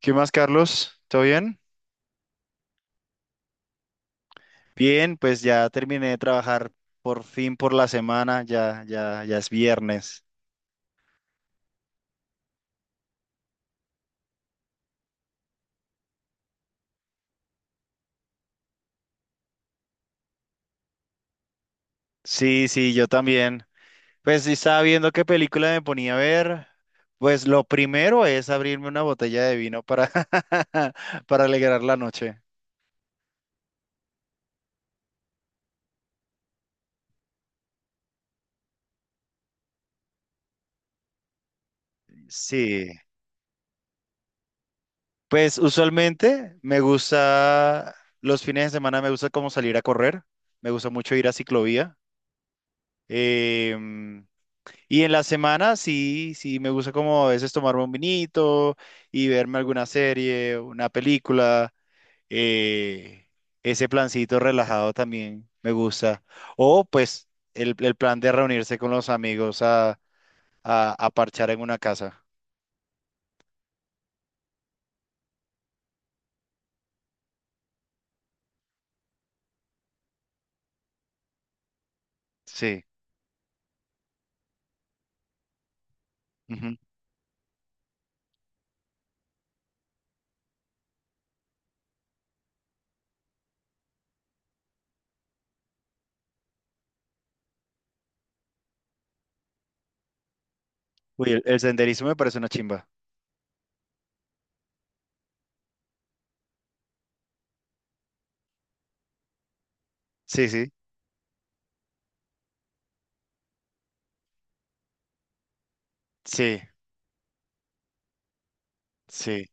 ¿Qué más, Carlos? ¿Todo bien? Bien, pues ya terminé de trabajar por fin por la semana, ya, ya, ya es viernes. Sí, sí, yo también. Pues sí estaba viendo qué película me ponía a ver. Pues lo primero es abrirme una botella de vino para, para alegrar la noche. Sí. Pues usualmente me gusta, los fines de semana me gusta como salir a correr, me gusta mucho ir a ciclovía. Em, Y en la semana sí, sí, me gusta como a veces tomarme un vinito y verme alguna serie, una película. eh, ese plancito relajado también me gusta. O pues el plan de reunirse con los amigos a, a parchar en una casa. Sí. Ujú. Uy, el senderismo me parece una chimba. Sí, sí, sí, sí,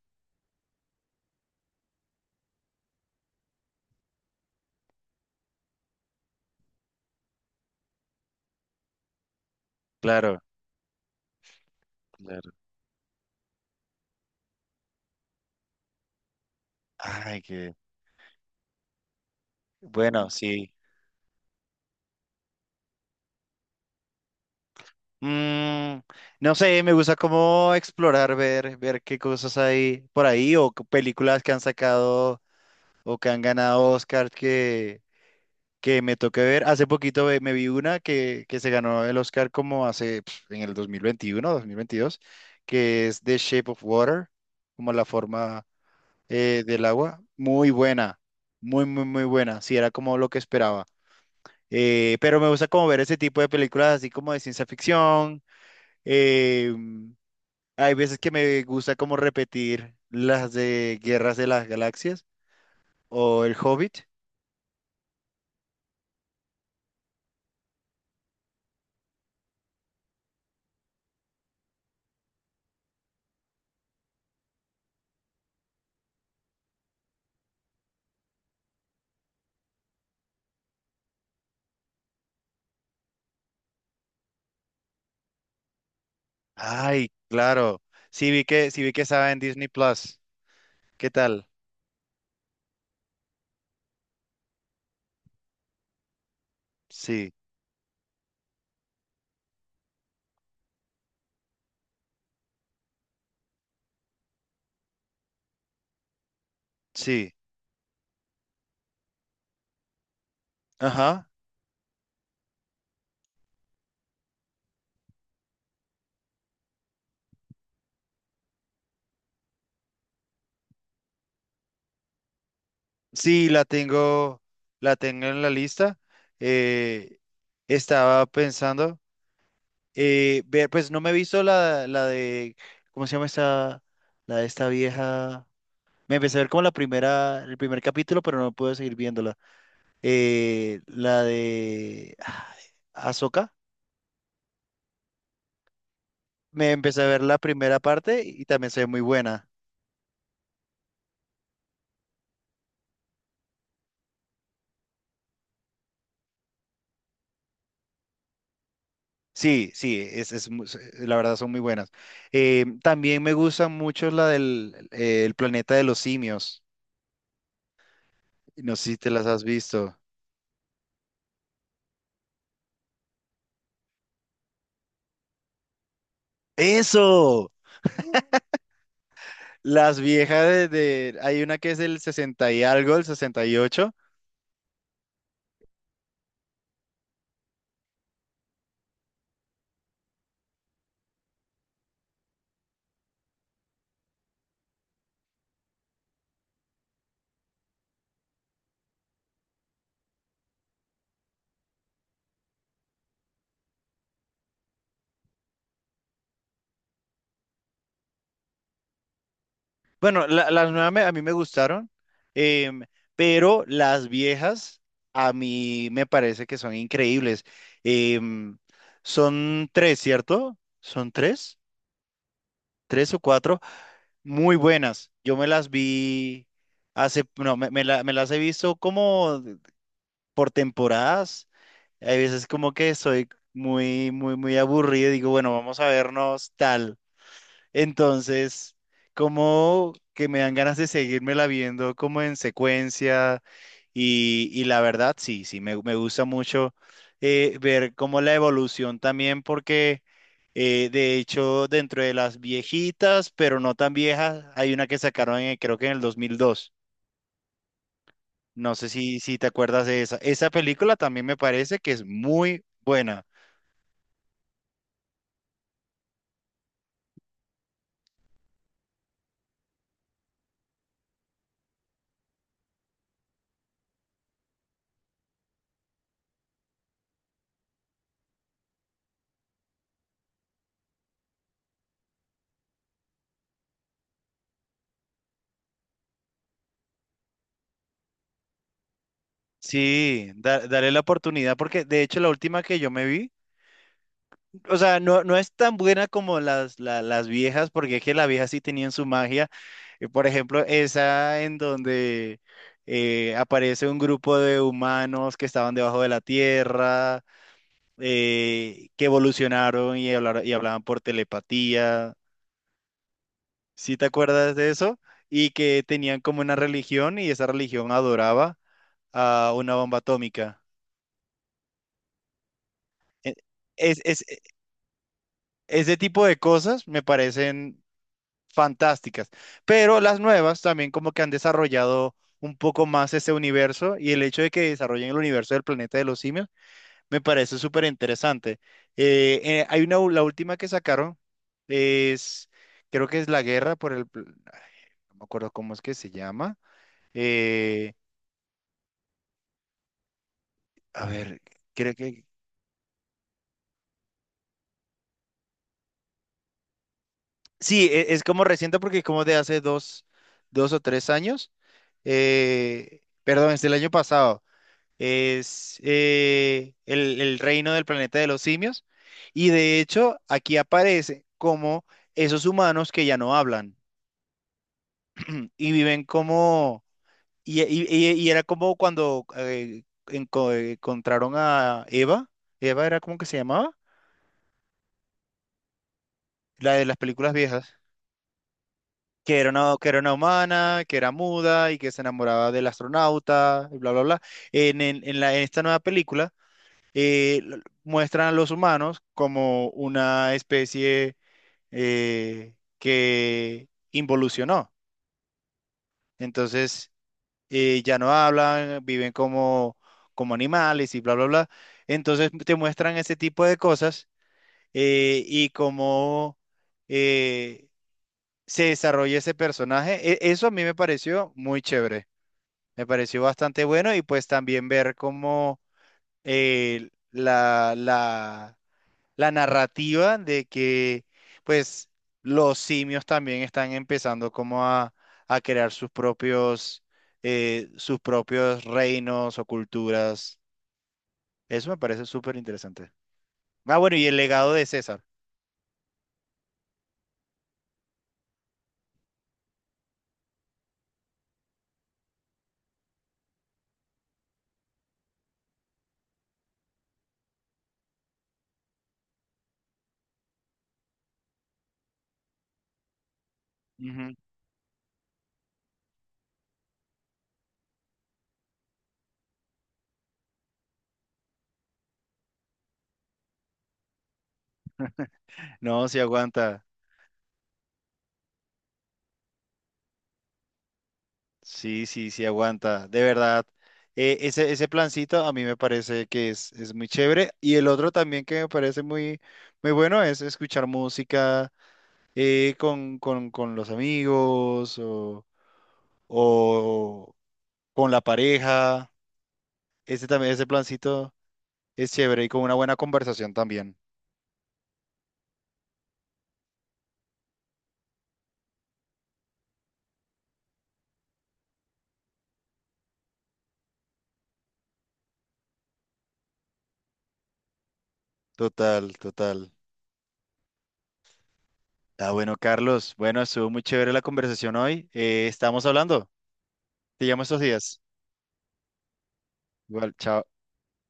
claro, claro. Ay, qué bueno, sí. Mm, no sé, me gusta como explorar, ver qué cosas hay por ahí o qué películas que han sacado o que han ganado Oscar que me toque ver. Hace poquito me vi una que se ganó el Oscar como hace en el 2021, 2022, que es The Shape of Water, como la forma del agua. Muy buena, muy, muy, muy buena. Sí, era como lo que esperaba. Pero me gusta como ver ese tipo de películas así como de ciencia ficción. em, hay veces que me gusta como repetir las de Guerras de las Galaxias o El Hobbit. Ay, claro. Sí vi que estaba en Disney Plus. ¿Qué tal? Sí, sí. Ajá. Sí, la tengo en la lista. Eh, estaba pensando, pues no me he visto la, la de, ¿cómo se llama esta? La de esta vieja. Me empecé a ver como la primera, el primer capítulo, pero no pude seguir viéndola. La de Azoka. Me empecé a ver la primera parte y también se ve muy buena. Sí, sí, la verdad son muy buenas. También me gusta mucho la del el planeta de los simios. No sé si te las has visto. ¡Eso! Las viejas hay una que es del 60 y algo, el 68. Bueno, las nuevas a mí me gustaron, em, pero las viejas a mí me parece que son increíbles. Em, son tres, ¿cierto? ¿Son tres? ¿Tres o cuatro? Muy buenas. Yo me las vi hace, no, me las he visto como por temporadas. Hay veces como que soy muy, muy, muy aburrido y digo, bueno, vamos a vernos tal. Entonces, como que me dan ganas de seguírmela viendo como en secuencia y la verdad, sí, sí, me gusta mucho ver como la evolución también porque de hecho dentro de las viejitas, pero no tan viejas, hay una que sacaron creo que en el 2002. No sé si te acuerdas de esa. Esa película también me parece que es muy buena. Sí, dale la oportunidad porque de hecho la última que yo me vi. O sea, no, no es tan buena como las viejas, porque es que las viejas sí tenían su magia. Por ejemplo, esa en donde aparece un grupo de humanos que estaban debajo de la tierra, que evolucionaron y hablaban por telepatía. ¿Sí te acuerdas de eso? Y que tenían como una religión y esa religión adoraba a una bomba atómica. E- Es, es- e, ese tipo de cosas me parecen fantásticas, pero las nuevas también como que han desarrollado un poco más ese universo y el hecho de que desarrollen el universo del planeta de los simios me parece súper interesante. Hay una, la última que sacaron es, creo que es La Guerra por el, ay, no me acuerdo cómo es que se llama. Eh, a ver, creo que, sí, es, como reciente porque es como de hace dos, dos o tres años. Perdón, es del año pasado. Es el reino del planeta de los simios. Y de hecho, aquí aparece como esos humanos que ya no hablan y viven como... Y era como cuando encontraron a Eva. Eva era como que se llamaba, la de las películas viejas. Que era una humana, que era muda y que se enamoraba del astronauta, y bla, bla, bla. En esta nueva película muestran a los humanos como una especie que involucionó. Entonces, ya no hablan, viven como, como animales y bla, bla, bla. Entonces, te muestran ese tipo de cosas y cómo eh, se desarrolla ese personaje. Eso a mí me pareció muy chévere. Me pareció bastante bueno y pues también ver cómo eh, la, la, la narrativa de que pues los simios también están empezando como a, crear sus propios reinos o culturas. Eso me parece súper interesante. Ah, bueno, y el legado de César. Ujú. No, sí aguanta. Sí, sí, sí aguanta. De verdad. Ese plancito a mí me parece que es muy chévere. Y el otro también que me parece muy, muy bueno es escuchar música con los amigos o con la pareja. Ese también, ese plancito es chévere y con una buena conversación también. Total, total. Ah, bueno, Carlos, bueno, estuvo muy chévere la conversación hoy. Estamos hablando. Te llamo estos días. Igual, chao.